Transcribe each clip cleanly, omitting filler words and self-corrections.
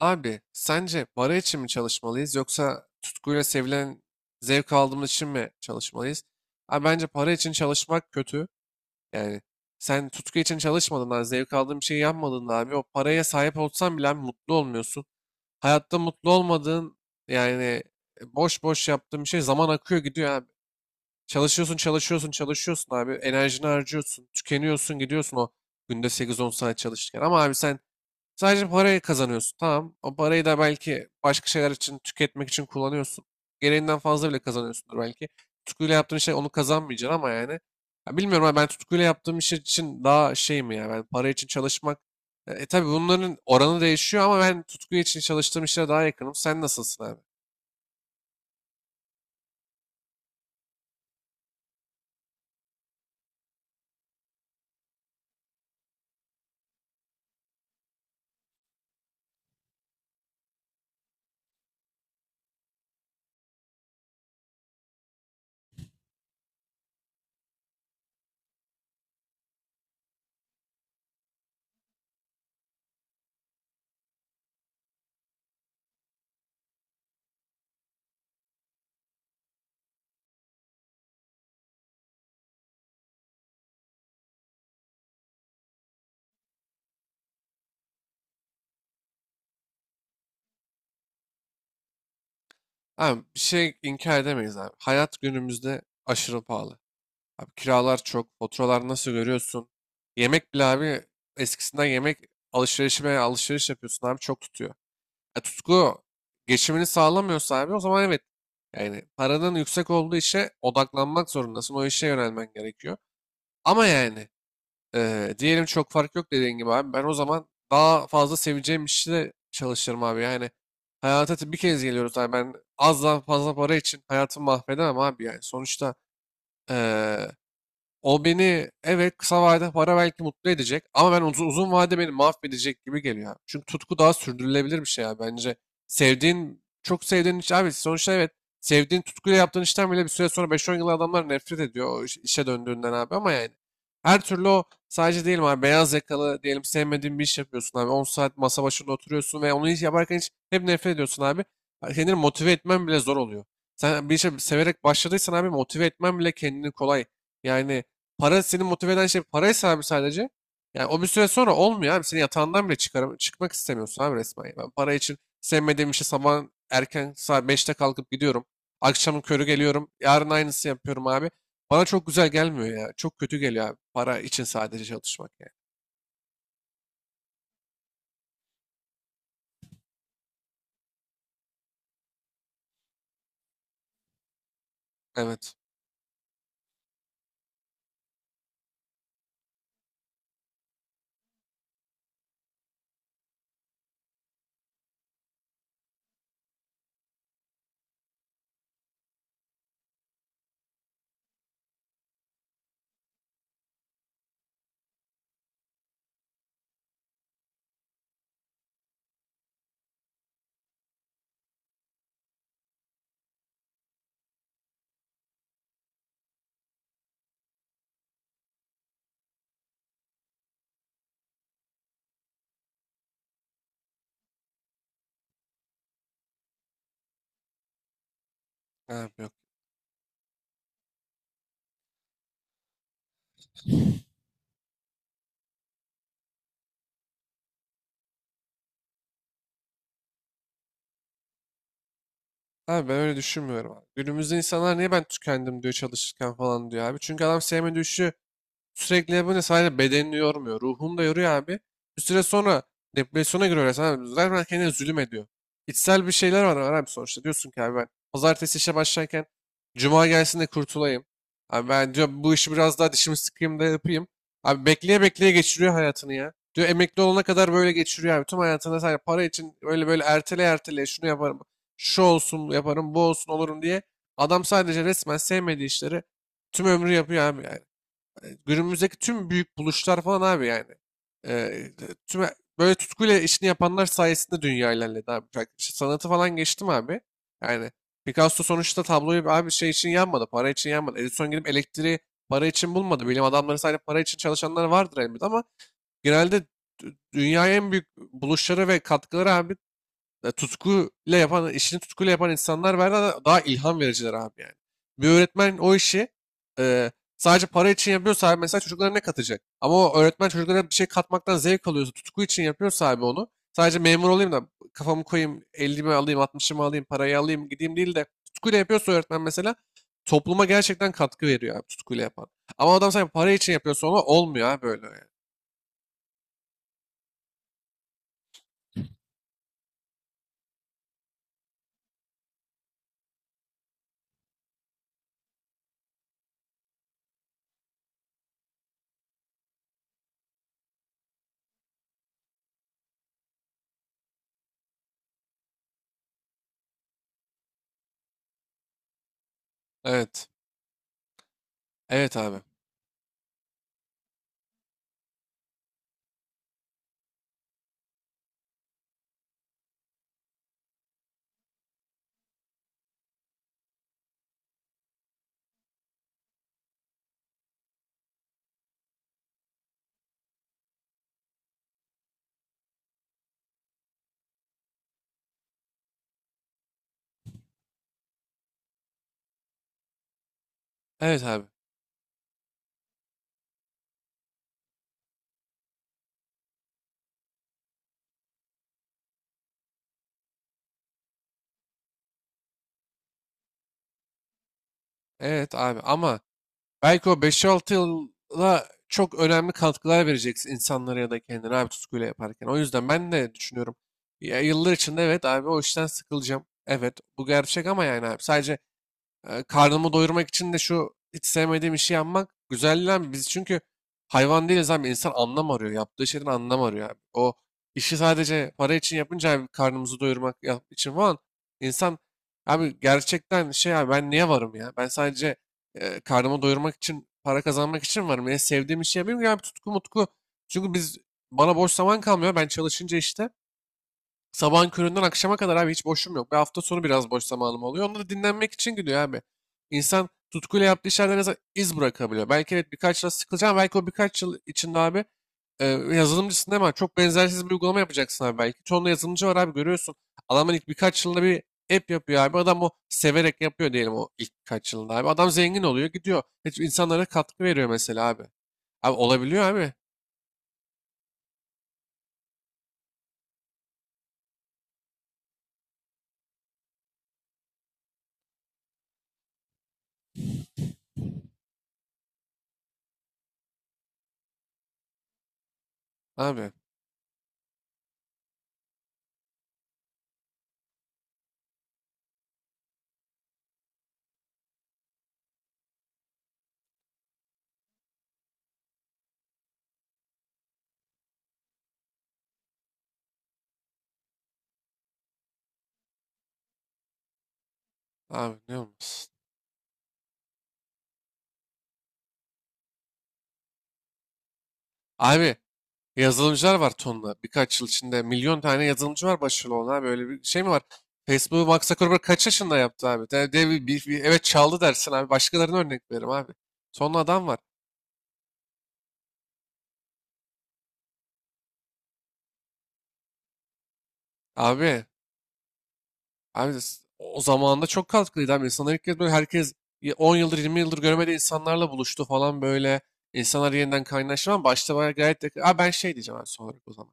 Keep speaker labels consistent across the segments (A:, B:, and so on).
A: Abi sence para için mi çalışmalıyız yoksa tutkuyla sevilen zevk aldığımız için mi çalışmalıyız? Abi bence para için çalışmak kötü. Yani sen tutku için çalışmadığında, zevk aldığın bir şey yapmadığında abi o paraya sahip olsan bile abi mutlu olmuyorsun. Hayatta mutlu olmadığın yani boş boş yaptığın bir şey zaman akıyor gidiyor abi. Çalışıyorsun çalışıyorsun çalışıyorsun abi enerjini harcıyorsun tükeniyorsun gidiyorsun o günde 8-10 saat çalışırken ama abi sen sadece parayı kazanıyorsun. Tamam. O parayı da belki başka şeyler için tüketmek için kullanıyorsun. Gereğinden fazla bile kazanıyorsundur belki. Tutkuyla yaptığın şey onu kazanmayacaksın ama yani. Ya bilmiyorum ama ben tutkuyla yaptığım iş için daha şey mi ya ben para için çalışmak. Tabii bunların oranı değişiyor ama ben tutku için çalıştığım işlere daha yakınım. Sen nasılsın abi? Abi bir şey inkar edemeyiz abi. Hayat günümüzde aşırı pahalı. Abi kiralar çok, faturalar nasıl görüyorsun? Yemek bile abi eskisinden yemek alışverişime alışveriş yapıyorsun abi çok tutuyor. Tutku geçimini sağlamıyorsa abi o zaman evet. Yani paranın yüksek olduğu işe odaklanmak zorundasın. O işe yönelmen gerekiyor. Ama yani diyelim çok fark yok dediğin gibi abi. Ben o zaman daha fazla seveceğim işi de çalışırım abi. Yani hayata bir kez geliyoruz abi. Ben azdan fazla para için hayatımı mahvedemem abi yani. Sonuçta e, o beni evet kısa vadede para belki mutlu edecek ama ben uzun, uzun vade beni mahvedecek gibi geliyor abi. Çünkü tutku daha sürdürülebilir bir şey ya bence. Sevdiğin çok sevdiğin iş abi sonuçta evet sevdiğin tutkuyla yaptığın işten bile bir süre sonra 5-10 yıl adamlar nefret ediyor o işe döndüğünden abi ama yani her türlü o sadece diyelim abi beyaz yakalı diyelim sevmediğin bir iş yapıyorsun abi 10 saat masa başında oturuyorsun ve onu hiç yaparken hiç hep nefret ediyorsun abi. Kendini motive etmen bile zor oluyor. Sen bir işe severek başladıysan abi motive etmen bile kendini kolay. Yani para seni motive eden şey paraysa abi sadece. Yani o bir süre sonra olmuyor abi. Seni yatağından bile çıkmak istemiyorsun abi resmen. Yani ben para için sevmediğim işe sabah erken saat 5'te kalkıp gidiyorum. Akşamın körü geliyorum. Yarın aynısı yapıyorum abi. Bana çok güzel gelmiyor ya. Çok kötü geliyor abi. Para için sadece çalışmak yani. Evet. Abi yok. Abi ben öyle düşünmüyorum abi. Günümüzde insanlar niye ben tükendim diyor çalışırken falan diyor abi. Çünkü adam sevmediği işi sürekli yapınca sadece bedenini yormuyor. Ruhunu da yoruyor abi. Bir süre sonra depresyona giriyor resmen abi. Zaten kendine zulüm ediyor. İçsel bir şeyler var, var abi sonuçta. Diyorsun ki abi ben pazartesi işe başlarken cuma gelsin de kurtulayım. Abi ben diyor bu işi biraz daha dişimi sıkayım da yapayım. Abi bekleye bekleye geçiriyor hayatını ya. Diyor emekli olana kadar böyle geçiriyor abi. Tüm hayatında sadece para için böyle böyle ertele ertele şunu yaparım. Şu olsun yaparım bu olsun olurum diye. Adam sadece resmen sevmediği işleri tüm ömrü yapıyor abi. Yani günümüzdeki tüm büyük buluşlar falan abi yani. E, tüm böyle tutkuyla işini yapanlar sayesinde dünya ilerledi abi. Bak, işte sanatı falan geçtim abi. Yani Picasso sonuçta tabloyu abi şey için yanmadı, para için yanmadı. Edison gidip elektriği para için bulmadı. Bilim adamları sadece para için çalışanlar vardır elbette ama genelde dünyaya en büyük buluşları ve katkıları abi tutkuyla yapan, işini tutkuyla yapan insanlar var da daha ilham vericiler abi yani. Bir öğretmen o işi e, sadece para için yapıyorsa abi mesela çocuklara ne katacak? Ama o öğretmen çocuklara bir şey katmaktan zevk alıyorsa, tutku için yapıyorsa abi onu sadece memur olayım da kafamı koyayım, 50'mi alayım, 60'ımı alayım, parayı alayım gideyim değil de tutkuyla yapıyorsa öğretmen mesela topluma gerçekten katkı veriyor abi tutkuyla yapan. Ama adam sadece para için yapıyorsa ona olmuyor abi böyle yani. Evet. Evet abi. Evet abi. Evet abi ama belki o 5-6 yıla çok önemli katkılar vereceksin insanlara ya da kendine abi tutkuyla yaparken. O yüzden ben de düşünüyorum. Ya yıllar içinde evet abi o işten sıkılacağım. Evet bu gerçek ama yani abi sadece karnımı doyurmak için de şu hiç sevmediğim işi yapmak güzel lan. Biz çünkü hayvan değiliz abi. İnsan anlam arıyor. Yaptığı şeyden anlam arıyor abi. O işi sadece para için yapınca abi karnımızı doyurmak için falan insan abi gerçekten şey abi ben niye varım ya? Ben sadece karnımı doyurmak için para kazanmak için varım. Yani sevdiğim işi yapayım ya bir tutku mutku. Çünkü biz bana boş zaman kalmıyor. Ben çalışınca işte sabahın köründen akşama kadar abi hiç boşum yok. Bir hafta sonu biraz boş zamanım oluyor. Onda da dinlenmek için gidiyor abi. İnsan tutkuyla yaptığı işlerden en azından iz bırakabiliyor. Belki evet birkaç yıl sıkılacağım. Belki o birkaç yıl içinde abi yazılımcısın değil mi? Çok benzersiz bir uygulama yapacaksın abi belki. Çoğunda yazılımcı var abi görüyorsun. Adamın ilk birkaç yılda bir app yapıyor abi. Adam o severek yapıyor diyelim o ilk birkaç yılında abi. Adam zengin oluyor gidiyor. Hiç insanlara katkı veriyor mesela abi. Abi olabiliyor abi. Abi. Abi ne olmuş? Abi yazılımcılar var tonla. Birkaç yıl içinde milyon tane yazılımcı var başarılı olan abi. Öyle bir şey mi var? Facebook'u Mark Zuckerberg kaç yaşında yaptı abi? Evet çaldı dersin abi. Başkalarına örnek veririm abi. Tonla adam var. Abi, abi o zamanında çok katkılıydı abi. İnsanlar ilk kez böyle herkes 10 yıldır 20 yıldır görmediği insanlarla buluştu falan böyle. İnsanlar yeniden kaynaştı ama başta bayağı gayet de... Abi ben şey diyeceğim abi son olarak o zaman.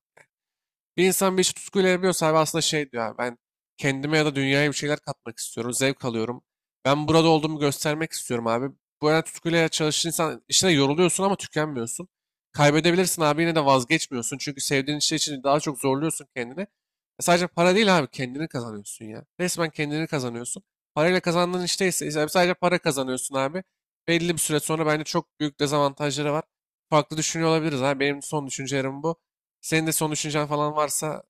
A: Bir insan bir işi tutkuyla yapıyorsa abi aslında şey diyor abi, ben kendime ya da dünyaya bir şeyler katmak istiyorum. Zevk alıyorum. Ben burada olduğumu göstermek istiyorum abi. Bu arada tutkuyla çalışan insan işine yoruluyorsun ama tükenmiyorsun. Kaybedebilirsin abi yine de vazgeçmiyorsun. Çünkü sevdiğin şey için daha çok zorluyorsun kendini. E sadece para değil abi kendini kazanıyorsun ya. Resmen kendini kazanıyorsun. Parayla kazandığın işteyse ise sadece para kazanıyorsun abi. Belli bir süre sonra bence çok büyük dezavantajları var. Farklı düşünüyor olabiliriz abi. Benim son düşüncelerim bu. Senin de son düşüncen falan varsa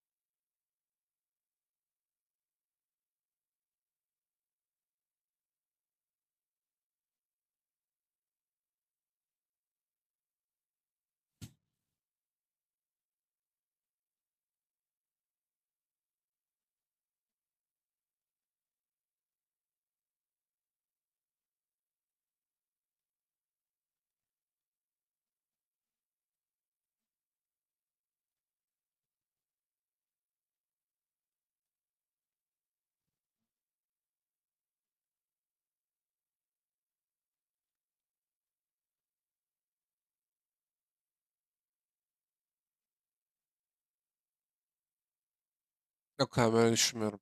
A: yok abi öyle düşünmüyorum.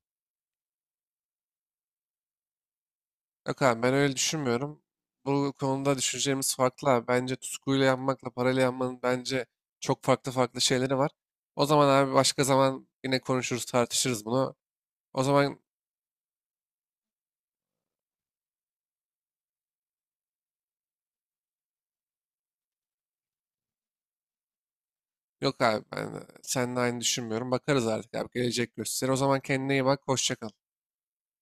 A: Yok abi ben öyle düşünmüyorum. Bu konuda düşüncelerimiz farklı abi. Bence tutkuyla yapmakla parayla yapmanın bence çok farklı farklı şeyleri var. O zaman abi başka zaman yine konuşuruz tartışırız bunu. O zaman yok abi ben seninle aynı düşünmüyorum. Bakarız artık abi gelecek gösterir. O zaman kendine iyi bak hoşça kal.